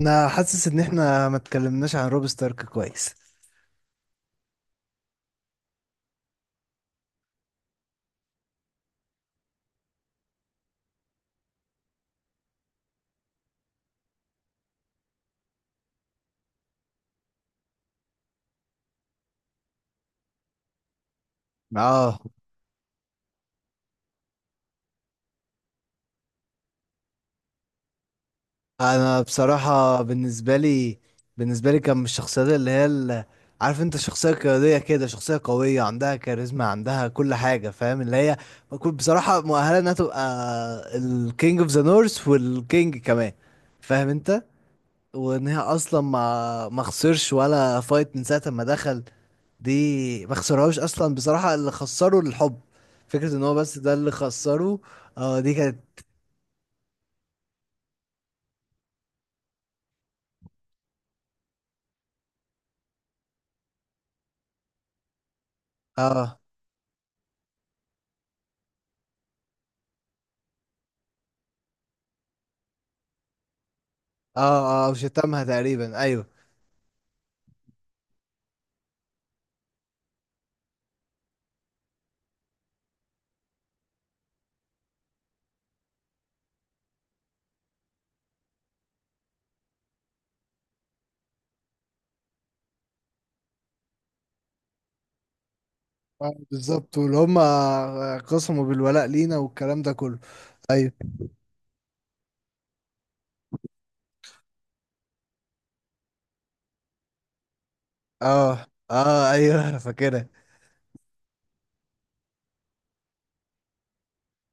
انا حاسس ان احنا ما اتكلمناش عن روب ستارك كويس. اه. انا بصراحة، بالنسبة لي كان من الشخصيات اللي هي عارف انت، شخصية قيادية كده، شخصية قوية عندها كاريزما، عندها كل حاجة، فاهم اللي هي. كنت بصراحة مؤهلة انها تبقى الكينج اوف ذا نورث والكينج كمان، فاهم انت. وان هي اصلا ما خسرش ولا فايت من ساعة ما دخل. دي ما خسرهاش اصلا، بصراحة اللي خسره الحب، فكرة ان هو بس ده اللي خسره. اه، دي كانت. اه، اه، اه، شتمها تقريبا، ايوه. آه، بالظبط. واللي هم قسموا بالولاء لينا والكلام ده كله. ايوه. اه، اه، ايوه انا فاكرها.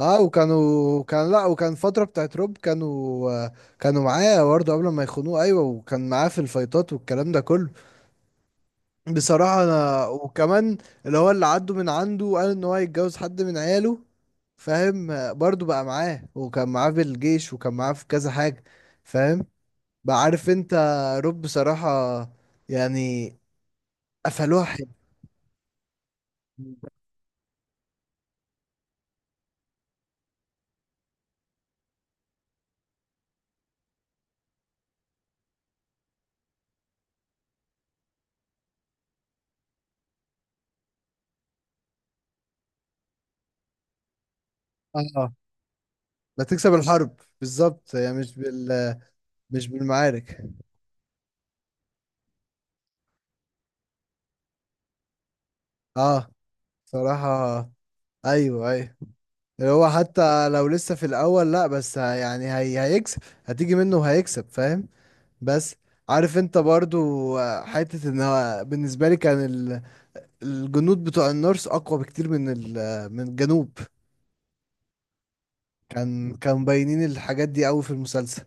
اه، وكانوا لا، وكان فترة بتاعت روب كانوا كانوا معاه برضه قبل ما يخونوه. ايوه، وكان معاه في الفايتات والكلام ده كله. بصراحة أنا وكمان، اللي هو اللي عدوا من عنده قال إن هو هيتجوز حد من عياله، فاهم. برضو بقى معاه، وكان معاه في الجيش، وكان معاه في كذا حاجة، فاهم. بقى عارف أنت، روب بصراحة يعني قفلوها حلو. اه. لا، تكسب الحرب بالظبط، هي مش مش بالمعارك. اه، صراحة. أيوه، أيوه، اللي هو حتى لو لسه في الأول، لأ بس يعني هي هيكسب، هتيجي منه وهيكسب، فاهم. بس عارف انت برضو حتة ان هو بالنسبة لي كان الجنود بتوع النورس اقوى بكتير من من الجنوب. كانوا مبينين الحاجات دي قوي في المسلسل.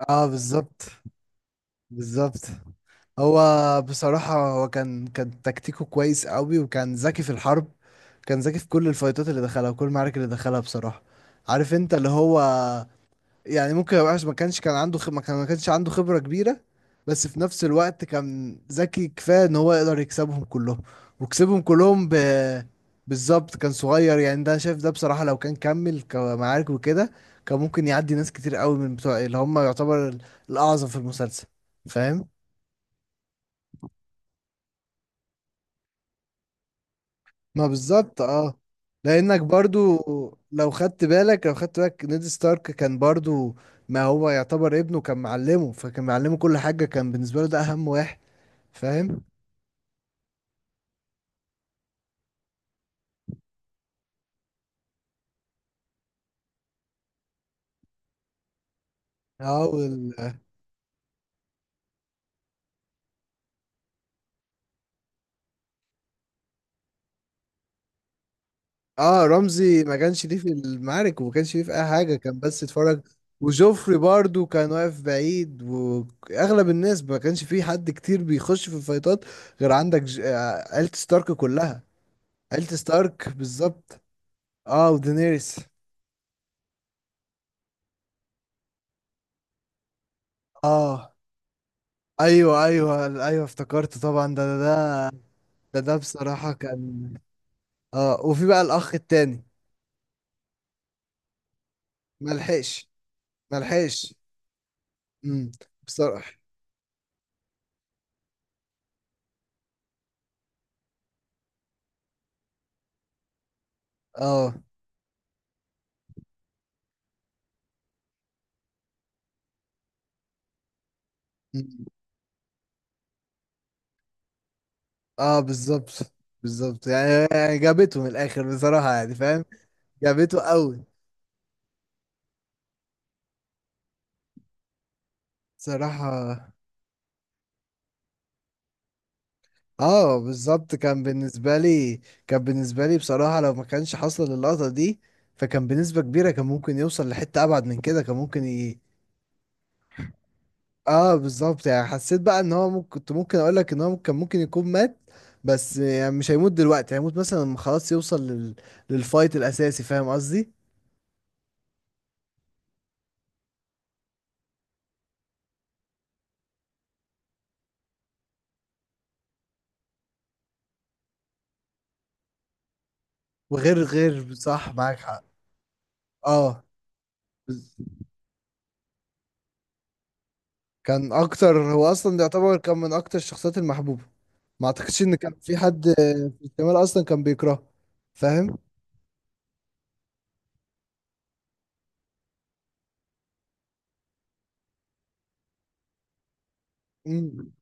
اه بالظبط بالظبط. هو بصراحة هو كان تكتيكه كويس قوي، وكان ذكي في الحرب. كان ذكي في كل الفايتات اللي دخلها وكل المعارك اللي دخلها، بصراحة. عارف انت اللي هو يعني، ممكن يبقى ما كانش كان عنده ما كانش عنده خبرة كبيرة، بس في نفس الوقت كان ذكي كفاية ان هو يقدر يكسبهم كلهم. وكسبهم كلهم بالظبط، كان صغير. يعني ده، شايف ده بصراحة لو كان كمل كمعارك وكده، كان ممكن يعدي ناس كتير قوي من بتوع اللي هم يعتبر الأعظم في المسلسل، فاهم. ما بالظبط، اه. لانك برضو لو خدت بالك نيد ستارك كان برضو، ما هو يعتبر ابنه كان معلمه، فكان معلمه كل حاجة، كان بالنسبة له ده اهم واحد، فاهم. اه اه، رمزي ما كانش ليه في المعارك، وما كانش ليه في اي حاجه، كان بس اتفرج. وجوفري برضو كان واقف بعيد، واغلب الناس ما كانش في حد كتير بيخش في الفايتات غير عندك ج... آه، عيلة ستارك كلها. عيلة ستارك بالظبط. اه، ودينيريس. اه، ايوه، ايوه، ايوه افتكرت، طبعا ده بصراحه كان. اه، وفي بقى الاخ التاني. ملحقش ملحقش. امم بصراحه. اه. امم. اه بالظبط بالظبط، يعني جابته من الاخر بصراحه، يعني فاهم. جابته قوي بصراحه. اه بالظبط، كان بالنسبه لي بصراحه لو ما كانش حصل اللقطه دي، فكان بنسبه كبيره كان ممكن يوصل لحته ابعد من كده، كان ممكن اه بالظبط. يعني حسيت بقى ان هو ممكن، كنت ممكن اقول لك ان هو كان ممكن يكون مات، بس يعني مش هيموت دلوقتي، هيموت مثلا لما خلاص يوصل للفايت الاساسي، فاهم قصدي. وغير غير صح، معاك حق. اه كان اكتر، هو اصلا ده يعتبر كان من اكتر الشخصيات المحبوبه. ما اعتقدش ان كان في حد في الشمال اصلا كان بيكرهه، فاهم. مم،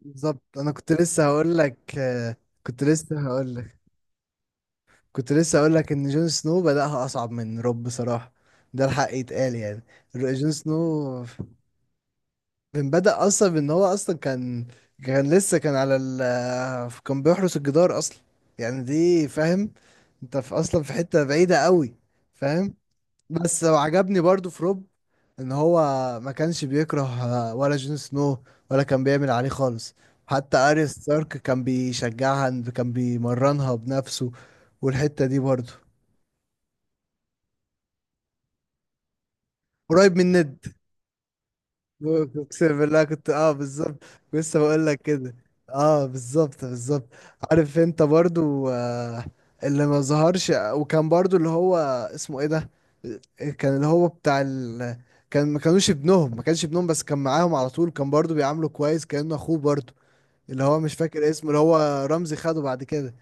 بالظبط. انا كنت لسه هقول لك آه، كنت لسه هقول لك كنت لسه هقول لك ان جون سنو بدأها اصعب من روب، بصراحه ده الحق يتقال يعني. جون سنو من بدأ اصلا بان هو اصلا كان لسه، كان على ال آه، كان بيحرس الجدار اصلا، يعني دي فاهم انت، في اصلا في حته بعيده قوي، فاهم. بس عجبني برضو في روب ان هو ما كانش بيكره ولا جون سنو، ولا كان بيعمل عليه خالص. حتى اريا ستارك كان بيشجعها، كان بيمرنها بنفسه، والحتة دي برضو قريب من ند. اقسم بالله، كنت بالظبط، لسه بقول لك كده. اه بالظبط بالظبط. عارف انت برضو اللي ما ظهرش وكان برضو اللي هو اسمه ايه ده، كان اللي هو بتاع كان ما كانوش ابنهم، ما كانش ابنهم بس كان معاهم على طول، كان برضو بيعامله كويس كأنه اخوه برضو، اللي هو مش فاكر اسمه، اللي هو رمزي خده بعد كده.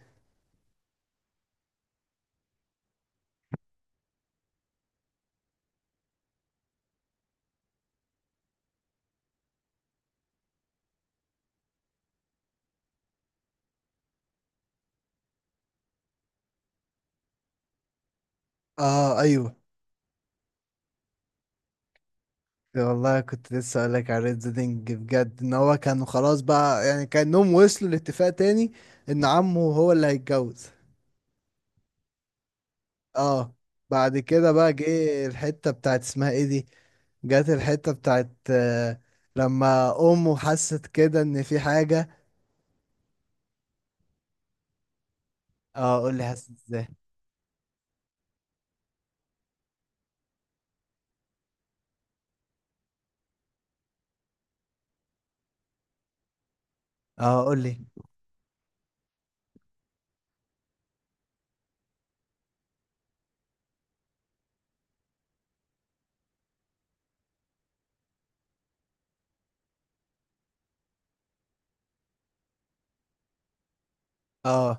اه، ايوه. والله كنت لسه اقول لك على ريد زيدنج، بجد ان هو كانوا خلاص بقى يعني كانهم وصلوا لاتفاق تاني، ان عمه هو اللي هيتجوز. اه. بعد كده بقى جه الحتة بتاعت اسمها ايه دي، جت الحتة بتاعت لما امه حست كده ان في حاجة. اه قول لي، حست ازاي. اه قول لي. اه،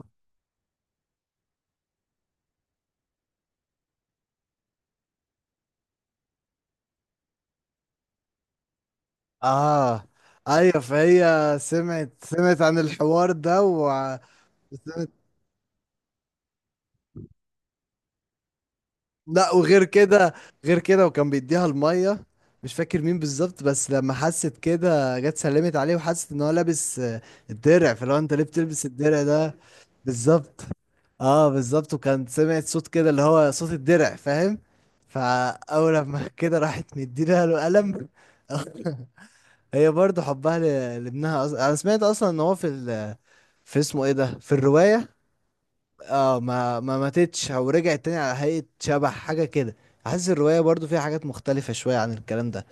اه، ايوه، فهي سمعت، سمعت عن الحوار ده وسمعت. لا، وغير كده وكان بيديها الميه. مش فاكر مين بالظبط، بس لما حست كده جت سلمت عليه وحست ان هو لابس الدرع. فلو انت ليه بتلبس الدرع ده؟ بالظبط. اه بالظبط، وكان سمعت صوت كده اللي هو صوت الدرع، فاهم. فاول لما كده، راحت مديلها له قلم. هي برضو حبها لابنها. انا سمعت اصلا ان هو في في اسمه ايه ده، في الرواية. اه ما ماتتش او رجعت تاني على هيئة شبح حاجة كده. حاسس الرواية برضو فيها حاجات مختلفة شوية عن الكلام ده.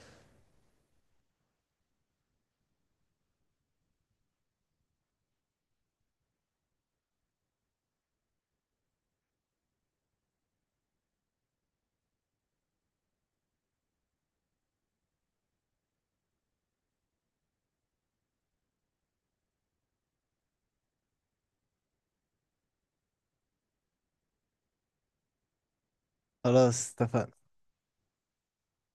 خلاص اتفقنا.